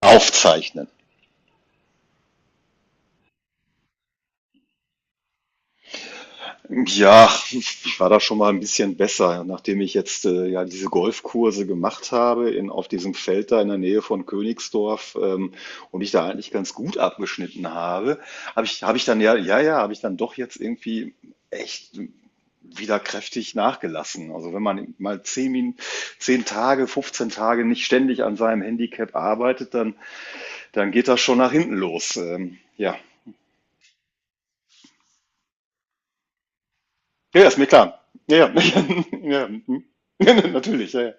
Aufzeichnen? Ja, ich war da schon mal ein bisschen besser, nachdem ich jetzt ja diese Golfkurse gemacht habe in, auf diesem Feld da in der Nähe von Königsdorf und ich da eigentlich ganz gut abgeschnitten habe, habe ich dann ja, ja, ja, habe ich dann doch jetzt irgendwie echt wieder kräftig nachgelassen. Also wenn man mal 10 Tage, 15 Tage nicht ständig an seinem Handicap arbeitet, dann geht das schon nach hinten los. Ja. Ja, ja, ist mir klar. Ja, ja. Ja, ja. Mhm. Natürlich, ja, ja.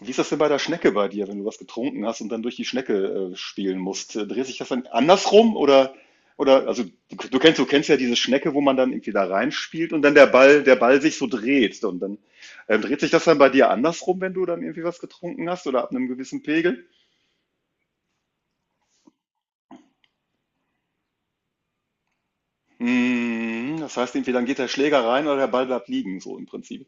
Wie ist das denn bei der Schnecke bei dir, wenn du was getrunken hast und dann durch die Schnecke spielen musst? Dreht sich das dann andersrum oder also du kennst ja diese Schnecke, wo man dann irgendwie da reinspielt und dann der Ball sich so dreht und dann, dreht sich das dann bei dir andersrum, wenn du dann irgendwie was getrunken hast oder ab einem gewissen Pegel? Mhm, das heißt irgendwie, dann geht der Schläger rein oder der Ball bleibt liegen, so im Prinzip.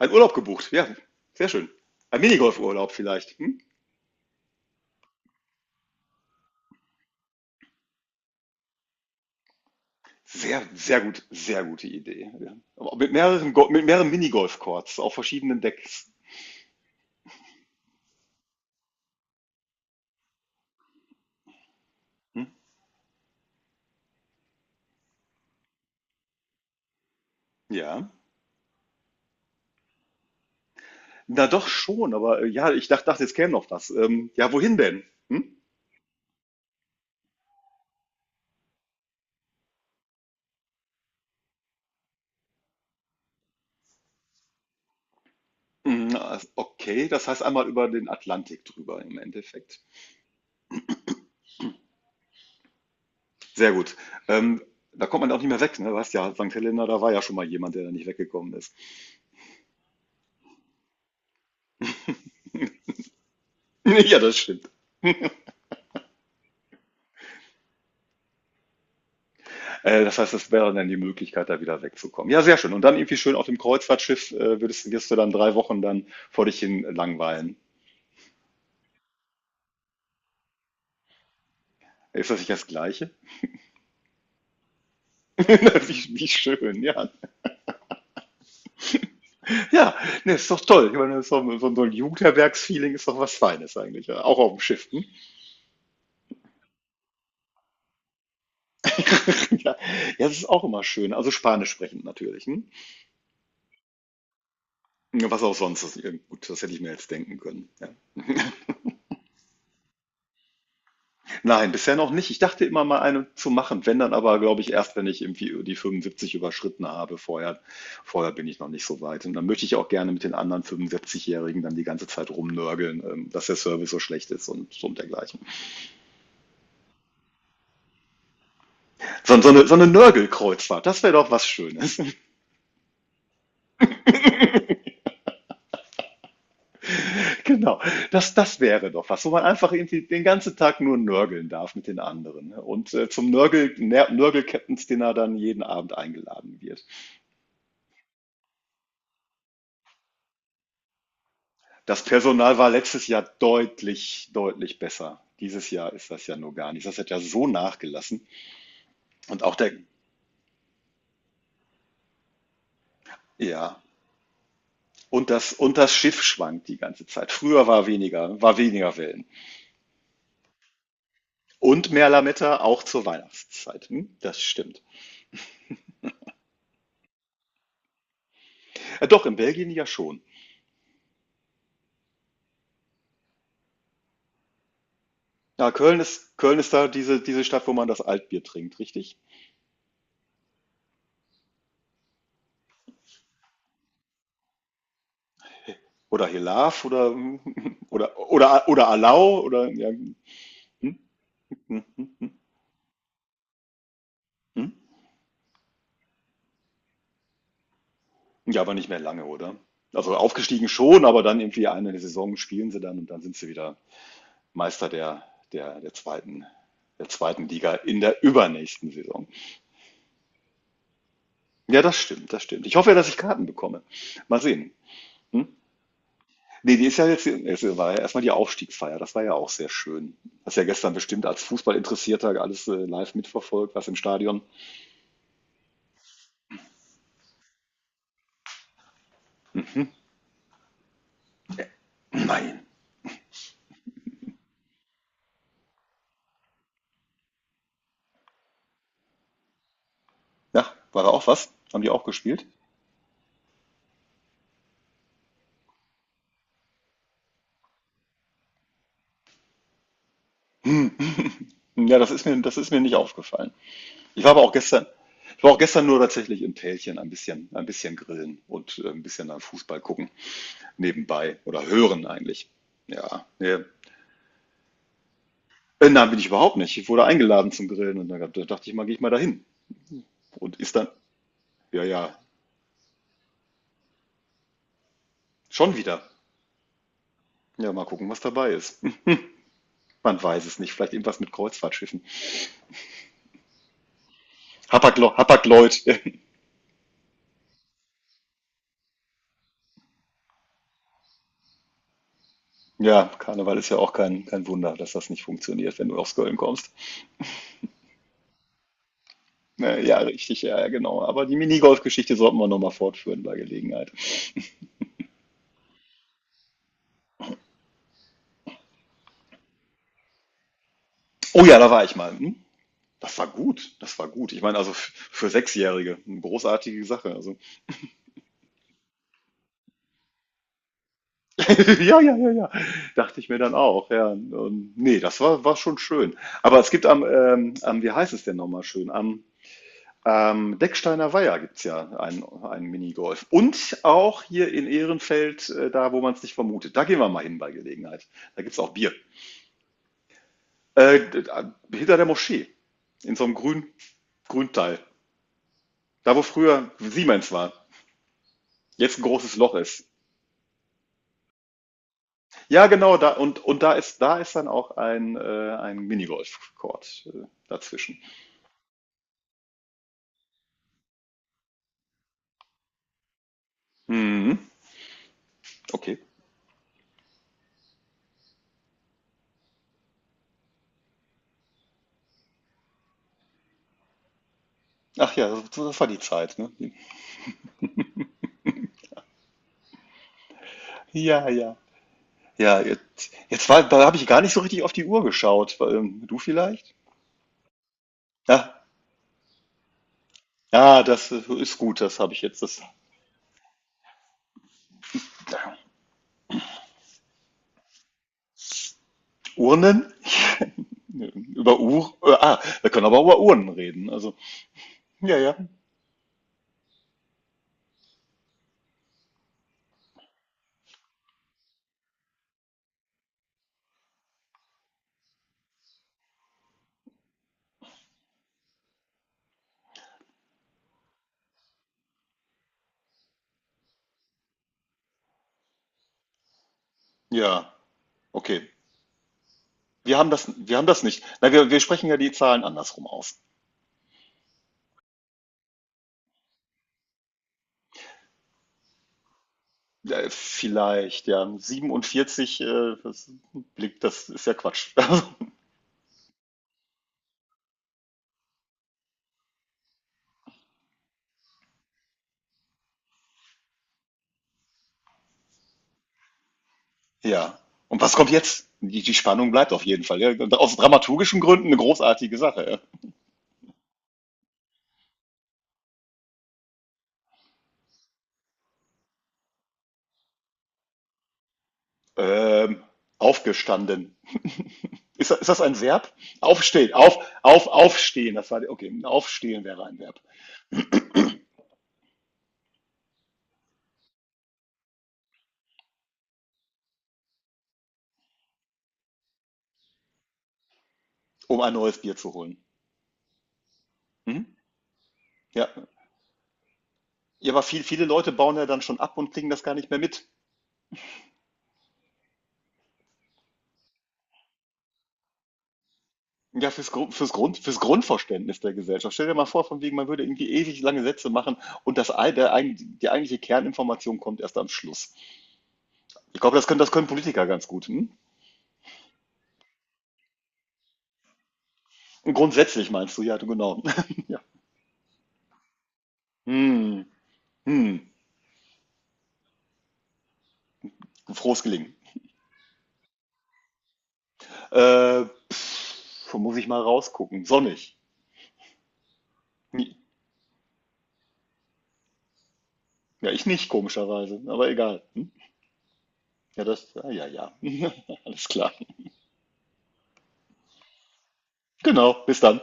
Ein Urlaub gebucht, ja, sehr schön. Ein Minigolfurlaub vielleicht, hm? Sehr, sehr gut, sehr gute Idee. Ja. Aber mit mehreren Minigolf-Courts auf verschiedenen Decks. Hm? Ja. Na doch schon, aber ja, ich dachte, jetzt käme noch was. Ja, wohin denn? Hm? Hm, okay, das heißt einmal über den Atlantik drüber im Endeffekt. Sehr gut. Ähm, Da kommt man auch nicht mehr weg, ne? Du ja, St. Helena, da war ja schon mal jemand, der da nicht weggekommen ist. Ja, das stimmt. Das heißt, das wäre dann die Möglichkeit, da wieder wegzukommen. Ja, sehr schön. Und dann irgendwie schön auf dem Kreuzfahrtschiff wirst du dann 3 Wochen dann vor dich hin langweilen. Ist das nicht das Gleiche? Wie schön, ja. Ja, ne, ist doch toll. Ich meine, so, so, so ein Jugendherbergsfeeling ist doch was Feines eigentlich. Ja. Auch auf dem Schiff. Hm? Ja, ja, das ist auch immer schön. Also Spanisch sprechend natürlich. Hm? Was auch sonst. Das, gut, das hätte ich mir jetzt denken können. Ja. Nein, bisher noch nicht. Ich dachte immer mal eine zu machen, wenn dann aber, glaube ich, erst, wenn ich irgendwie die 75 überschritten habe. Vorher bin ich noch nicht so weit. Und dann möchte ich auch gerne mit den anderen 75-Jährigen dann die ganze Zeit rumnörgeln, dass der Service so schlecht ist und, so und dergleichen. So, so eine Nörgelkreuzfahrt, das wäre doch was Schönes. Genau, das wäre doch was, wo man einfach irgendwie den ganzen Tag nur nörgeln darf mit den anderen, ne? Und zum Nörgel-Captain's Dinner dann jeden Abend eingeladen wird. Das Personal war letztes Jahr deutlich, deutlich besser. Dieses Jahr ist das ja nur gar nicht. Das hat ja so nachgelassen. Und auch der, ja, und das Schiff schwankt die ganze Zeit. Früher war weniger Wellen. Und mehr Lametta auch zur Weihnachtszeit. Hm? Das stimmt. Doch, in Belgien ja schon. Ja, Köln ist da diese Stadt, wo man das Altbier trinkt, richtig? Oder Hilaf oder, oder Alau oder, ja, hm, hm, hm, hm, hm. hm. Ja, aber nicht mehr lange, oder? Also aufgestiegen schon, aber dann irgendwie eine Saison spielen sie dann und dann sind sie wieder Meister der, der zweiten, der zweiten Liga in der übernächsten Saison. Ja, das stimmt, das stimmt. Ich hoffe ja, dass ich Karten bekomme. Mal sehen. Hm? Nee, die ist ja jetzt, es war ja erstmal die Aufstiegsfeier, das war ja auch sehr schön. Hast ja gestern bestimmt als Fußballinteressierter alles live mitverfolgt, was im Stadion. Nein. Ja, war da auch was? Haben die auch gespielt? Hm. Ja, das ist mir nicht aufgefallen. Ich war aber auch gestern, ich war auch gestern nur tatsächlich im Tälchen ein bisschen grillen und ein bisschen dann Fußball gucken, nebenbei oder hören eigentlich. Ja, nee. Nein, bin ich überhaupt nicht. Ich wurde eingeladen zum Grillen und dann, da dachte ich mal, gehe ich mal dahin. Und ist dann, ja, ja, schon wieder. Ja, mal gucken, was dabei ist. Hm, man weiß es nicht. Vielleicht irgendwas mit Kreuzfahrtschiffen. Hapag-Lloyd. Ja, Karneval ist ja auch kein Wunder, dass das nicht funktioniert, wenn du aus Köln kommst. Ja, richtig, ja, ja, genau. Aber die Minigolf-Geschichte sollten wir nochmal fortführen bei Gelegenheit. Oh ja, da war ich mal. Hm? Das war gut, das war gut. Ich meine, also für 6-Jährige, eine großartige Sache. Also, ja, ja, ja, ja, dachte ich mir dann auch. Ja, und, nee, das war schon schön. Aber es gibt am, am, wie heißt es denn nochmal schön? Am Decksteiner Weiher gibt es ja einen Minigolf. Und auch hier in Ehrenfeld, da wo man es nicht vermutet. Da gehen wir mal hin bei Gelegenheit. Da gibt es auch Bier. Äh, d- Hinter der Moschee, in so einem grünen Grünteil. Da, wo früher Siemens war, jetzt ein großes Loch ist. Ja, genau, da und da ist dann auch ein Minigolf-Court dazwischen. Mhm, okay. Ach ja, das war die Zeit, ne? Ja, ja. Ja, jetzt war, da habe ich gar nicht so richtig auf die Uhr geschaut. Du vielleicht? Ja, ja, das ist gut, das habe ich jetzt. Das, Urnen? Über Uhr? Wir können aber über Urnen reden. Also, ja, ja. Ja, okay. Wir haben das nicht. Na, wir sprechen ja die Zahlen andersrum aus. Vielleicht, ja. 47, das blickt, das ist ja Quatsch. Also, ja. Und was kommt jetzt? Die Spannung bleibt auf jeden Fall. Ja. Und aus dramaturgischen Gründen eine großartige Sache. Ja. Ähm, Aufgestanden. Ist das ein Verb? Aufstehen, aufstehen. Das war, okay, aufstehen wäre ein Verb, um ein neues Bier zu holen. Mhm. Ja. Ja, aber viele Leute bauen ja dann schon ab und kriegen das gar nicht mehr mit. Ja, fürs Grundverständnis der Gesellschaft. Stell dir mal vor, von wegen, man würde irgendwie ewig lange Sätze machen und das, ei- der, eig- die eigentliche Kerninformation kommt erst am Schluss. Ich glaube, das können Politiker ganz gut. Hm? Und grundsätzlich meinst du, ja, du genau. Ja. Hm, hm, frohes Gelingen. Äh, Wo muss ich mal rausgucken. Sonnig. Hm. Ja, ich nicht, komischerweise, aber egal. Hm? Ja, das, ja, ja, ja. Alles klar. Genau, bis dann.